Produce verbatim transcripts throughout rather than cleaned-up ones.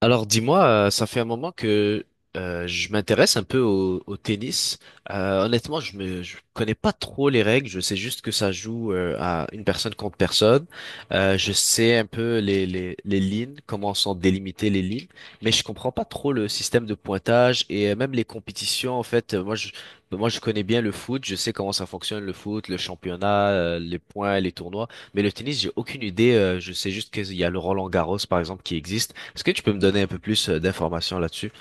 Alors dis-moi, euh, ça fait un moment que euh, je m'intéresse un peu au, au tennis. Euh, honnêtement, je me je connais pas trop les règles. Je sais juste que ça joue euh, à une personne contre personne. Euh, je sais un peu les, les les lignes, comment sont délimitées les lignes, mais je comprends pas trop le système de pointage et euh, même les compétitions. En fait, Euh, moi je moi je connais bien le foot. Je sais comment ça fonctionne le foot, le championnat, euh, les points, les tournois. Mais le tennis, j'ai aucune idée. Euh, je sais juste qu'il y a le Roland-Garros, par exemple, qui existe. Est-ce que tu peux me donner un peu plus euh, d'informations là-dessus?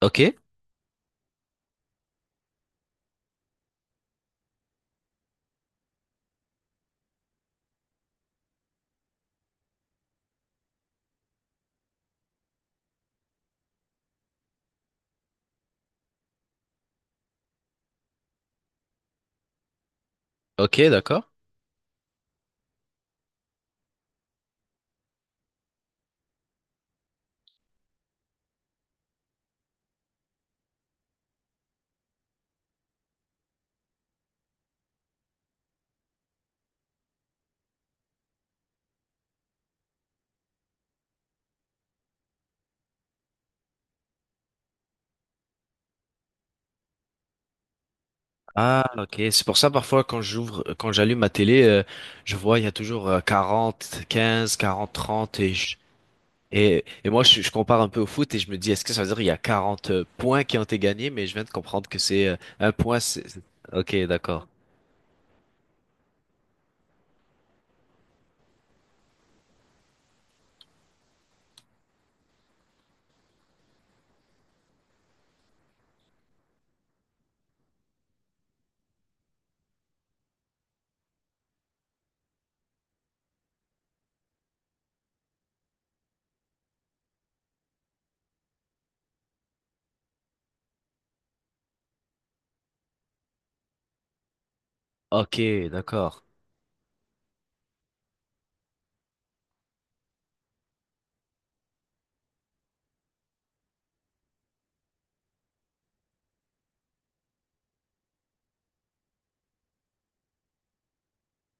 Ok, ok, d'accord. Ah, ok. C'est pour ça, parfois, quand j'ouvre, euh, quand j'allume ma télé, euh, je vois, il y a toujours euh, quarante, quinze, quarante, trente et je- Et, et moi, je, je compare un peu au foot et je me dis, est-ce que ça veut dire qu'il y a quarante points qui ont été gagnés? Mais je viens de comprendre que c'est euh, un point. c'est- c'est- Ok, d'accord. Ok, d'accord.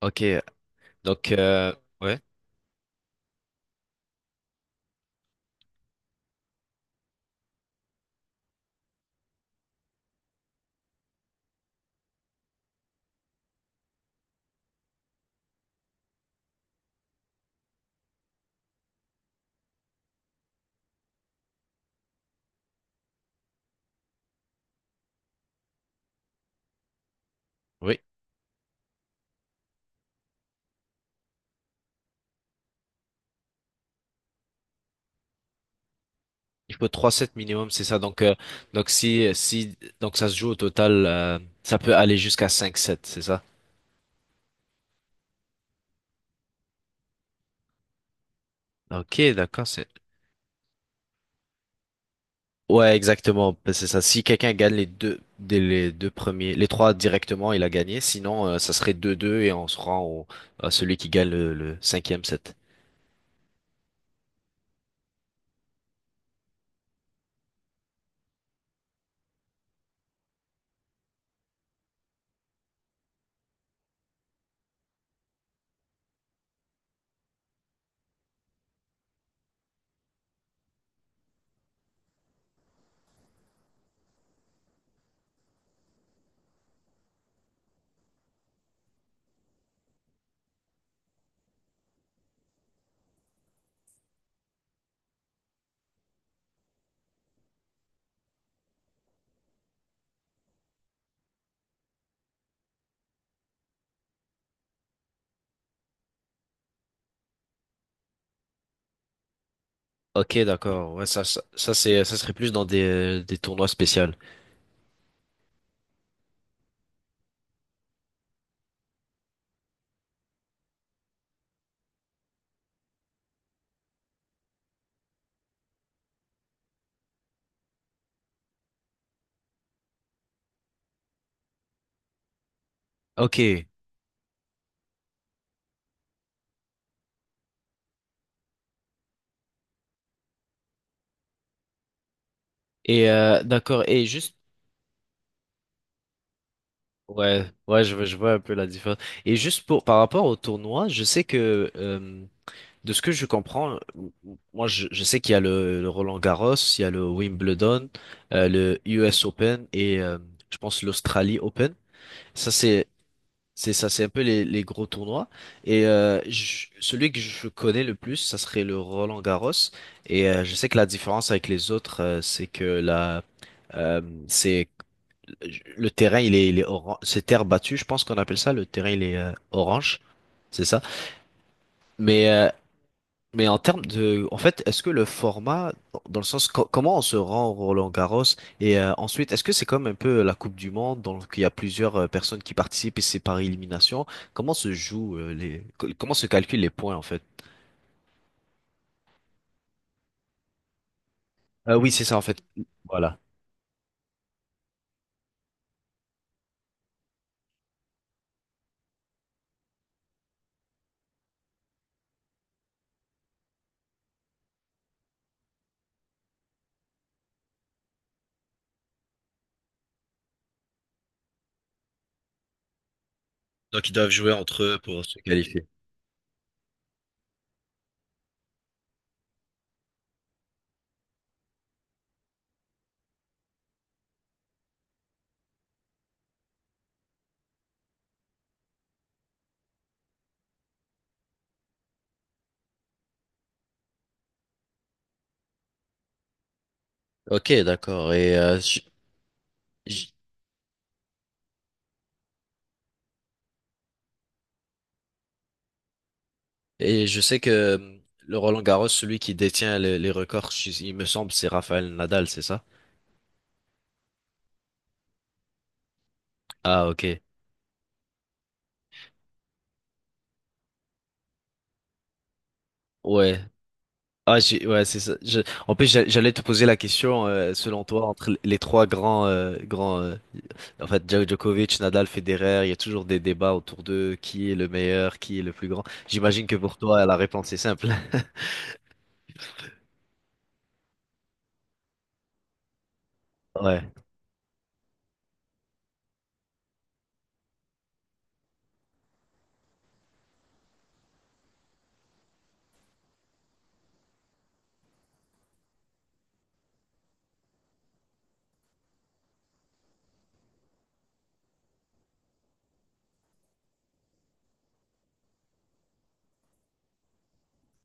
Ok. Donc, euh, ouais. Oui. Il faut trois sets minimum, c'est ça. Donc, euh, donc si, si, donc ça se joue au total, euh, ça peut aller jusqu'à cinq sets, c'est ça? Ok, d'accord, c'est. Ouais, exactement, ben, c'est ça. Si quelqu'un gagne les deux, des- les deux premiers, les trois directement, il a gagné. Sinon, euh, ça serait deux deux et on se rend au- à celui qui gagne le, le cinquième set. Ok, d'accord. Ouais, ça, ça, ça c'est, ça serait plus dans des, euh, des tournois spéciaux. Ok. Et euh, d'accord. Et juste ouais, ouais, je, vois- je vois un peu la différence. Et juste pour par rapport au tournoi, je sais que euh, de ce que je comprends, m- m- moi je, je sais qu'il y a le, le Roland-Garros, il y a le Wimbledon, euh, le U S Open et euh, je pense l'Australie Open. Ça c'est c'est ça, c'est un peu les, les gros tournois. Et euh, je- celui que je connais le plus, ça serait le Roland-Garros. Et euh, je sais que la différence avec les autres, euh, c'est que la euh, c'est le terrain il est, il est orange, c'est terre battue, je pense qu'on appelle ça, le terrain il est euh, orange, c'est ça. Mais euh, mais en termes de, en fait, est-ce que le format, dans le sens co- comment on se rend au Roland-Garros et euh, ensuite, est-ce que c'est comme un peu la Coupe du Monde, donc il y a plusieurs euh, personnes qui participent et c'est par élimination, comment se joue euh, les, co- comment se calculent les points en fait? Euh, oui, c'est ça en fait. Voilà. Donc ils doivent jouer entre eux pour se qualifier. Ok, d'accord. Et euh, j- j- et je sais que hum, le Roland Garros, celui qui détient les, les records, je- il me semble, c'est Rafael Nadal, c'est ça? Ah, ok. Ouais. Ah, j'ai- ouais, c'est ça. Je- En plus, j'a- j'allais te poser la question, euh, selon toi, entre les trois grands, euh, grands, euh, en fait, Djo- Djokovic, Nadal, Federer, il y a toujours des débats autour d'eux, qui est le meilleur, qui est le plus grand. J'imagine que pour toi, la réponse est simple. Ouais.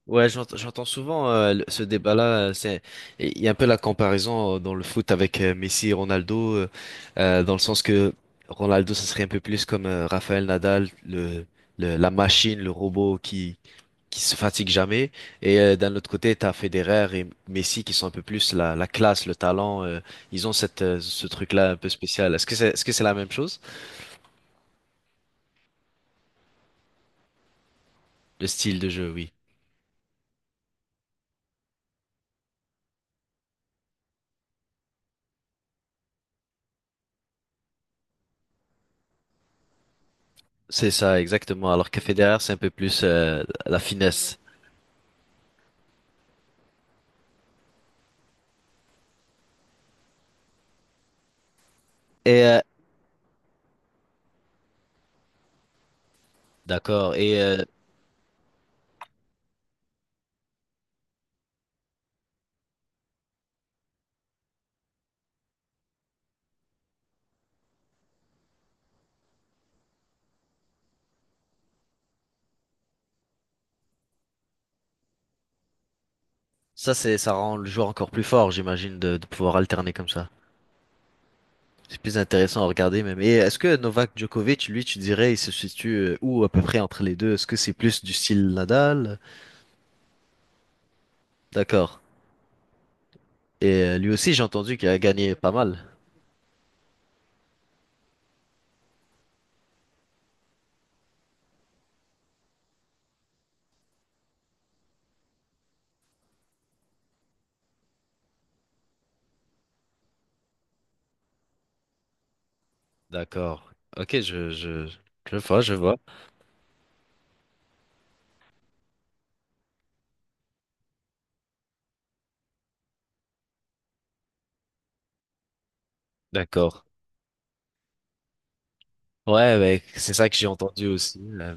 Ouais, j'ent- j'entends souvent euh, le- ce débat-là. euh, C'est, il y a un peu la comparaison euh, dans le foot avec euh, Messi et Ronaldo, euh, euh, dans le sens que Ronaldo, ça serait un peu plus comme euh, Rafael Nadal, le, le- la machine, le robot qui qui se fatigue jamais. Et euh, d'un autre côté, t'as Federer et Messi qui sont un peu plus la, la classe, le talent. Euh, ils ont cette euh, ce truc-là un peu spécial. Est-ce que c'est est-ce que c'est la même chose? Le style de jeu, oui. C'est ça, exactement. Alors que Federer, c'est un peu plus euh, la finesse. Et euh, d'accord. Et euh, ça, c'est, ça rend le joueur encore plus fort, j'imagine, de, de pouvoir alterner comme ça. C'est plus intéressant à regarder même. Et est-ce que Novak Djokovic, lui, tu dirais, il se situe euh, où à peu près entre les deux? Est-ce que c'est plus du style Nadal? D'accord. Et euh, lui aussi, j'ai entendu qu'il a gagné pas mal. D'accord. Ok, je, je, je vois, je vois. D'accord. Ouais, ouais, c'est ça que j'ai entendu aussi. euh,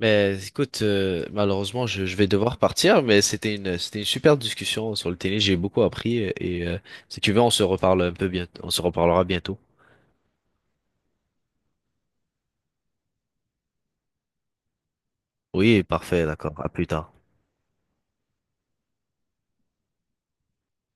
Mais écoute, euh, malheureusement, je, je vais devoir partir, mais c'était une, c'était une super discussion sur le tennis. J'ai beaucoup appris et euh, si tu veux, on se reparle un peu bientôt, on se reparlera bientôt. Oui, parfait, d'accord. À plus tard.